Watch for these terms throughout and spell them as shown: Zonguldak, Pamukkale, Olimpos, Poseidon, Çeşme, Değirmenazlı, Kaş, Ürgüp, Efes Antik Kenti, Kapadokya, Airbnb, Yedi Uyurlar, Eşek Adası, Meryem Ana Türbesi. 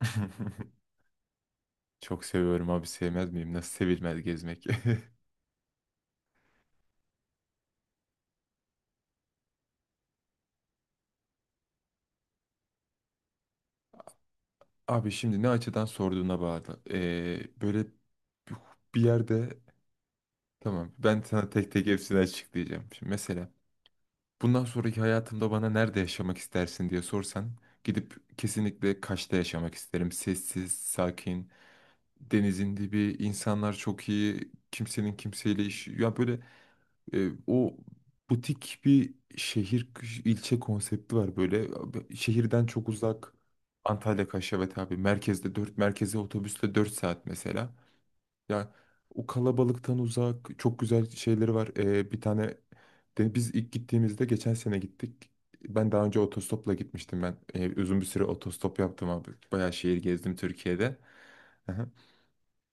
Çok seviyorum abi, sevmez miyim? Nasıl sevilmez gezmek? Abi şimdi ne açıdan sorduğuna bağlı. Böyle bir yerde, tamam, ben sana tek tek hepsini açıklayacağım. Şimdi mesela bundan sonraki hayatımda bana nerede yaşamak istersin diye sorsan, gidip kesinlikle Kaş'ta yaşamak isterim. Sessiz, sakin, denizin dibi, insanlar çok iyi, kimsenin kimseyle işi. Ya böyle o butik bir şehir, ilçe konsepti var böyle. Şehirden çok uzak. Antalya Kaşyabet abi, merkezde dört, merkeze otobüsle 4 saat mesela. Ya o kalabalıktan uzak, çok güzel şeyleri var. Bir tane de biz ilk gittiğimizde, geçen sene gittik. Ben daha önce otostopla gitmiştim ben. Uzun bir süre otostop yaptım abi. Bayağı şehir gezdim Türkiye'de. Aha.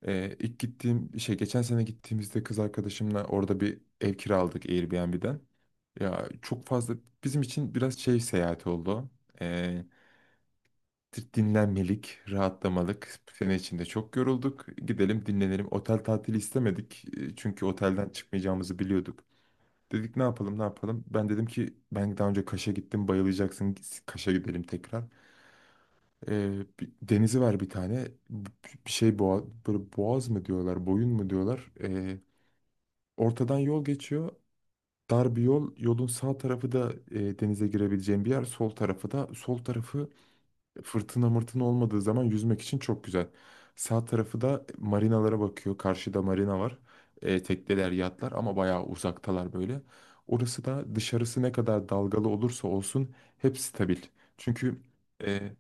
İlk gittiğim şey, geçen sene gittiğimizde kız arkadaşımla orada bir ev kiraladık Airbnb'den. Ya çok fazla bizim için biraz şey, seyahat oldu. Ee, Dinlenmelik, rahatlamalık. Bu sene içinde çok yorulduk. Gidelim dinlenelim. Otel tatili istemedik. Çünkü otelden çıkmayacağımızı biliyorduk. Dedik ne yapalım, ne yapalım. Ben dedim ki, ben daha önce Kaş'a gittim, bayılacaksın. Kaş'a gidelim tekrar. Denizi var bir tane. Bir şey boğa, böyle boğaz mı diyorlar, boyun mu diyorlar. Ortadan yol geçiyor. Dar bir yol. Yolun sağ tarafı da denize girebileceğin bir yer. Sol tarafı da sol tarafı, fırtına mırtına olmadığı zaman yüzmek için çok güzel. Sağ tarafı da marinalara bakıyor. Karşıda marina var. Tekneler, yatlar, ama bayağı uzaktalar böyle. Orası da dışarısı ne kadar dalgalı olursa olsun hep stabil. Çünkü e,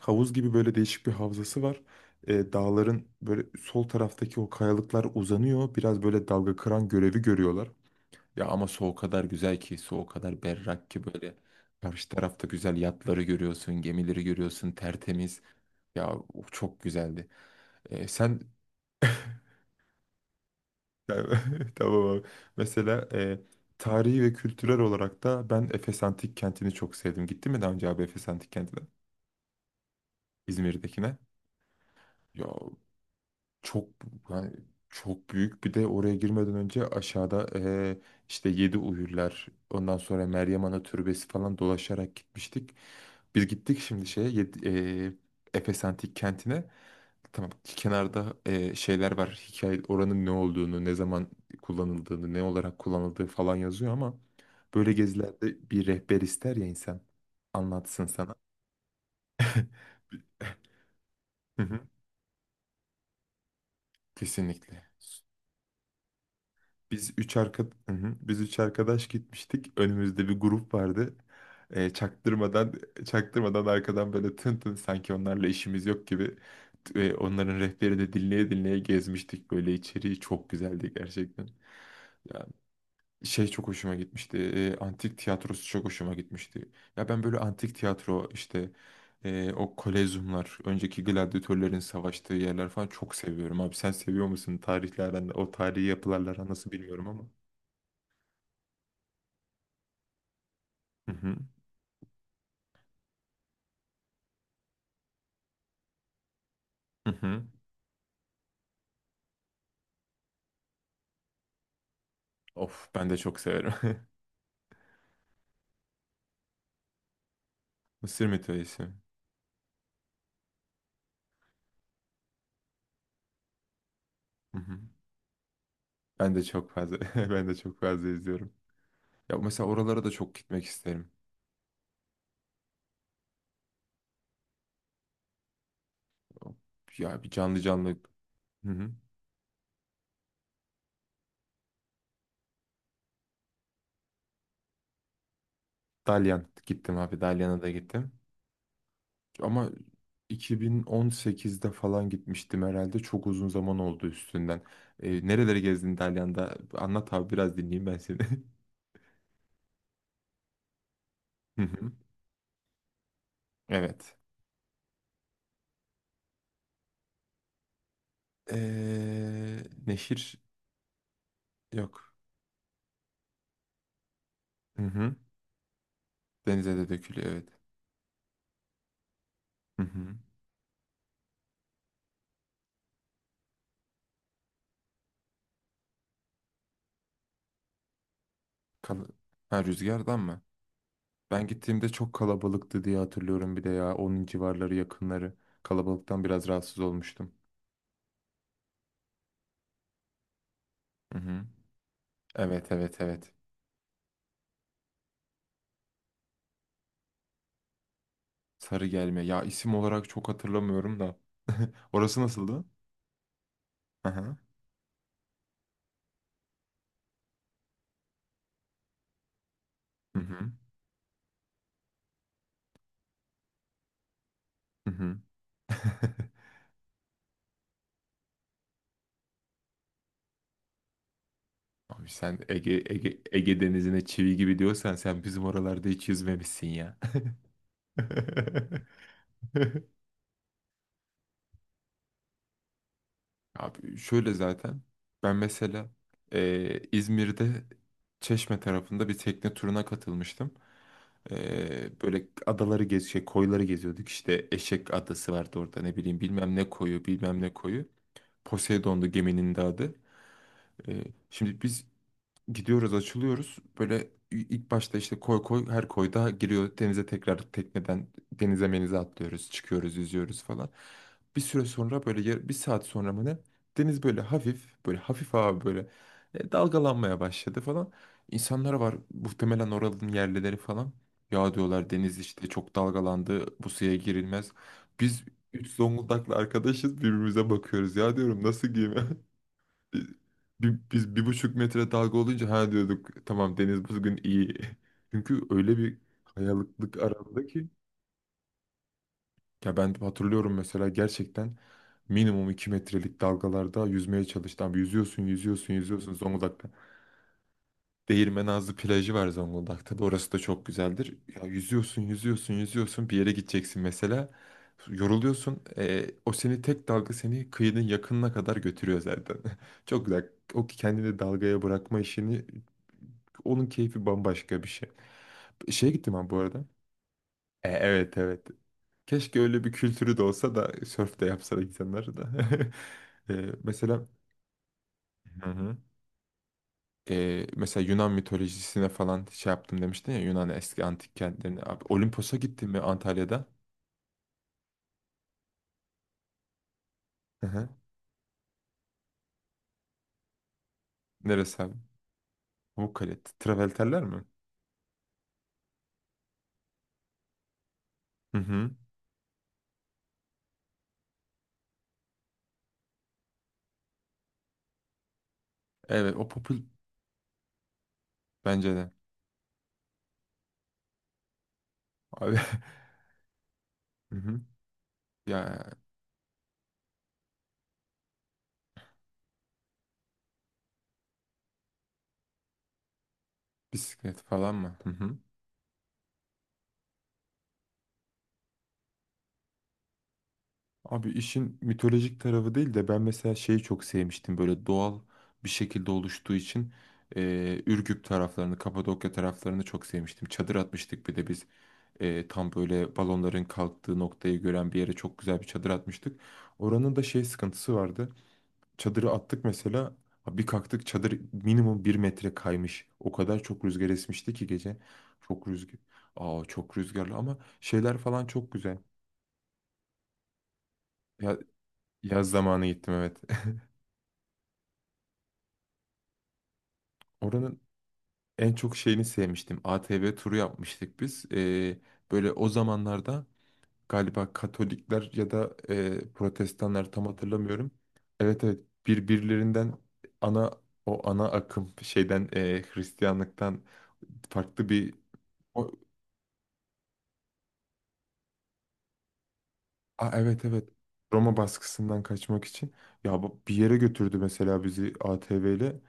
havuz gibi böyle değişik bir havzası var. Dağların böyle sol taraftaki o kayalıklar uzanıyor. Biraz böyle dalga kıran görevi görüyorlar. Ya ama su o kadar güzel ki, su o kadar berrak ki, böyle karşı tarafta güzel yatları görüyorsun, gemileri görüyorsun, tertemiz. Ya o çok güzeldi. Sen tamam abi. Mesela tarihi ve kültürel olarak da ben Efes Antik Kenti'ni çok sevdim. Gittin mi daha önce abi Efes Antik Kenti'ne? İzmir'dekine. Ya, çok, yani çok büyük. Bir de oraya girmeden önce aşağıda işte Yedi Uyurlar, ondan sonra Meryem Ana Türbesi falan dolaşarak gitmiştik. Biz gittik şimdi şeye, Efes Antik Kenti'ne. Tamam, kenarda şeyler var. Hikaye oranın ne olduğunu, ne zaman kullanıldığını, ne olarak kullanıldığı falan yazıyor, ama böyle gezilerde bir rehber ister ya insan, anlatsın sana. Hı hı. Kesinlikle. Biz üç arka Hı hı. Biz üç arkadaş gitmiştik. Önümüzde bir grup vardı. Çaktırmadan, çaktırmadan, arkadan böyle tın tın, sanki onlarla işimiz yok gibi, onların rehberi de dinleye dinleye gezmiştik, böyle içeriği çok güzeldi gerçekten. Ya şey, çok hoşuma gitmişti. Antik tiyatrosu çok hoşuma gitmişti. Ya ben böyle antik tiyatro, işte o kolezyumlar, önceki gladyatörlerin savaştığı yerler falan, çok seviyorum abi. Sen seviyor musun tarihlerden, o tarihi yapılarla aran nasıl bilmiyorum ama. Hı hı. Hı hı. Of, ben de çok severim. Mısır mitolojisi. Hı hı. Ben de çok fazla ben de çok fazla izliyorum. Ya mesela oralara da çok gitmek isterim. Ya bir, canlı canlı. Hı hı. Dalyan gittim abi. Dalyan'a da gittim. Ama 2018'de falan gitmiştim herhalde. Çok uzun zaman oldu üstünden. Nereleri gezdin Dalyan'da? Anlat abi, biraz dinleyeyim ben seni. Hı hı. Evet. Neşir yok. Hı hı. Denize de dökülüyor, evet. Hı hı. Kal- ha, rüzgardan mı? Ben gittiğimde çok kalabalıktı diye hatırlıyorum bir de ya. Onun civarları, yakınları. Kalabalıktan biraz rahatsız olmuştum. Hı hı. Evet, evet, evet. Sarı gelme. Ya isim olarak çok hatırlamıyorum da. Orası nasıldı? Hı hı. Hı hı. Hı hı. Abi sen Ege, Ege, Ege Denizi'ne çivi gibi diyorsan, sen bizim oralarda hiç yüzmemişsin ya. Abi şöyle zaten, ben mesela İzmir'de, Çeşme tarafında bir tekne turuna katılmıştım. Böyle adaları gez, şey, koyları geziyorduk. İşte Eşek Adası vardı orada, ne bileyim, bilmem ne koyu, bilmem ne koyu. Poseidon'du geminin de adı. Eee, şimdi biz Gidiyoruz, açılıyoruz. Böyle ilk başta işte koy koy, her koyda giriyor denize, tekrar tekneden denize menize atlıyoruz, çıkıyoruz, yüzüyoruz falan. Bir süre sonra böyle 1 saat sonra mı ne? Deniz böyle hafif, böyle hafif abi, böyle dalgalanmaya başladı falan. İnsanlar var, muhtemelen oranın yerlileri falan. Ya diyorlar, deniz işte çok dalgalandı, bu suya girilmez. Biz 3 Zonguldaklı arkadaşız, birbirimize bakıyoruz. Ya diyorum, nasıl giyme? Bir, biz 1,5 metre dalga olunca ha diyorduk, tamam deniz bugün iyi. Çünkü öyle bir kayalıklık aradı ki, ya ben hatırlıyorum mesela, gerçekten minimum 2 metrelik dalgalarda yüzmeye çalıştım. Abi yüzüyorsun, yüzüyorsun, yüzüyorsun Zonguldak'ta. Değirmenazlı plajı var Zonguldak'ta, da orası da çok güzeldir. Ya yüzüyorsun, yüzüyorsun, yüzüyorsun, bir yere gideceksin mesela. Yoruluyorsun. O seni tek dalga, seni kıyının yakınına kadar götürüyor zaten. Çok güzel. O kendini dalgaya bırakma işini, onun keyfi bambaşka bir şey. Şeye gittim ben bu arada. Evet, evet. Keşke öyle bir kültürü de olsa da, sörf de yapsa da insanlar da. E, mesela Hı hı. Mesela Yunan mitolojisine falan şey yaptım demiştin ya, Yunan eski antik kentlerine. Abi Olimpos'a gittin mi Antalya'da? Hı hı. Neresi abi? Pamukkale. Travelterler mi? Hı hı. Evet, o popül, bence de. Abi. Hı hı. Ya bisiklet falan mı? Hı hı. Abi işin mitolojik tarafı değil de, ben mesela şeyi çok sevmiştim, böyle doğal bir şekilde oluştuğu için Ürgüp taraflarını, Kapadokya taraflarını çok sevmiştim. Çadır atmıştık bir de biz, tam böyle balonların kalktığı noktayı gören bir yere çok güzel bir çadır atmıştık. Oranın da şey sıkıntısı vardı. Çadırı attık mesela, ha bir kalktık çadır minimum 1 metre kaymış. O kadar çok rüzgar esmişti ki gece. Çok rüzgar. Aa, çok rüzgarlı, ama şeyler falan çok güzel. Ya, yaz zamanı gittim, evet. Oranın en çok şeyini sevmiştim. ATV turu yapmıştık biz. Böyle o zamanlarda galiba Katolikler ya da Protestanlar, tam hatırlamıyorum. Evet, evet, birbirlerinden, ana, o ana akım şeyden, Hristiyanlıktan farklı bir, o, aa, evet evet, Roma baskısından kaçmak için, bir yere götürdü mesela bizi ATV ile.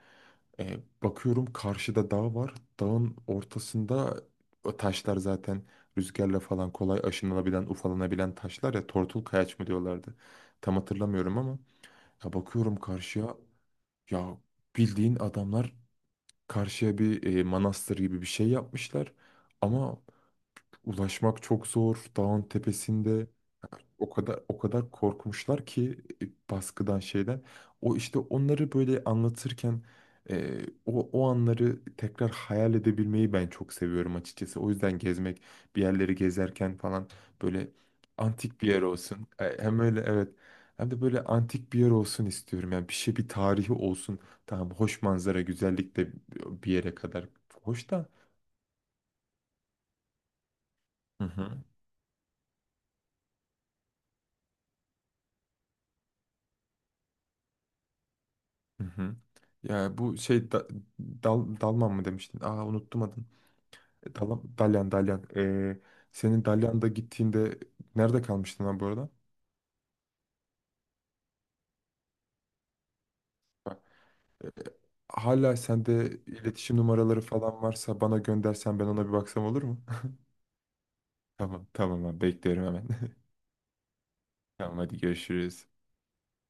E, Bakıyorum karşıda dağ var. Dağın ortasında o taşlar zaten rüzgarla falan kolay aşınılabilen, ufalanabilen taşlar ya, tortul kayaç mı diyorlardı. Tam hatırlamıyorum ama, ya bakıyorum karşıya, ya bildiğin adamlar karşıya bir manastır gibi bir şey yapmışlar. Ama ulaşmak çok zor. Dağın tepesinde o kadar, o kadar korkmuşlar ki baskıdan, şeyden. O işte onları böyle anlatırken, e, o, o anları tekrar hayal edebilmeyi ben çok seviyorum açıkçası. O yüzden gezmek, bir yerleri gezerken falan, böyle antik bir yer olsun. Hem öyle, evet. Hem de böyle antik bir yer olsun istiyorum. Yani bir şey, bir tarihi olsun. Tamam, hoş manzara, güzellik de bir yere kadar hoş da. Hı hı. Hı hı. Ya bu şey da, dalman mı demiştin? Aa, unuttum adını. Dalyan, Dalyan, Dalyan. Senin Dalyan'da gittiğinde nerede kalmıştın lan bu arada? Bak, hala sende iletişim numaraları falan varsa, bana göndersen ben ona bir baksam, olur mu? Tamam, tamam abi, bekliyorum hemen. Tamam, hadi görüşürüz.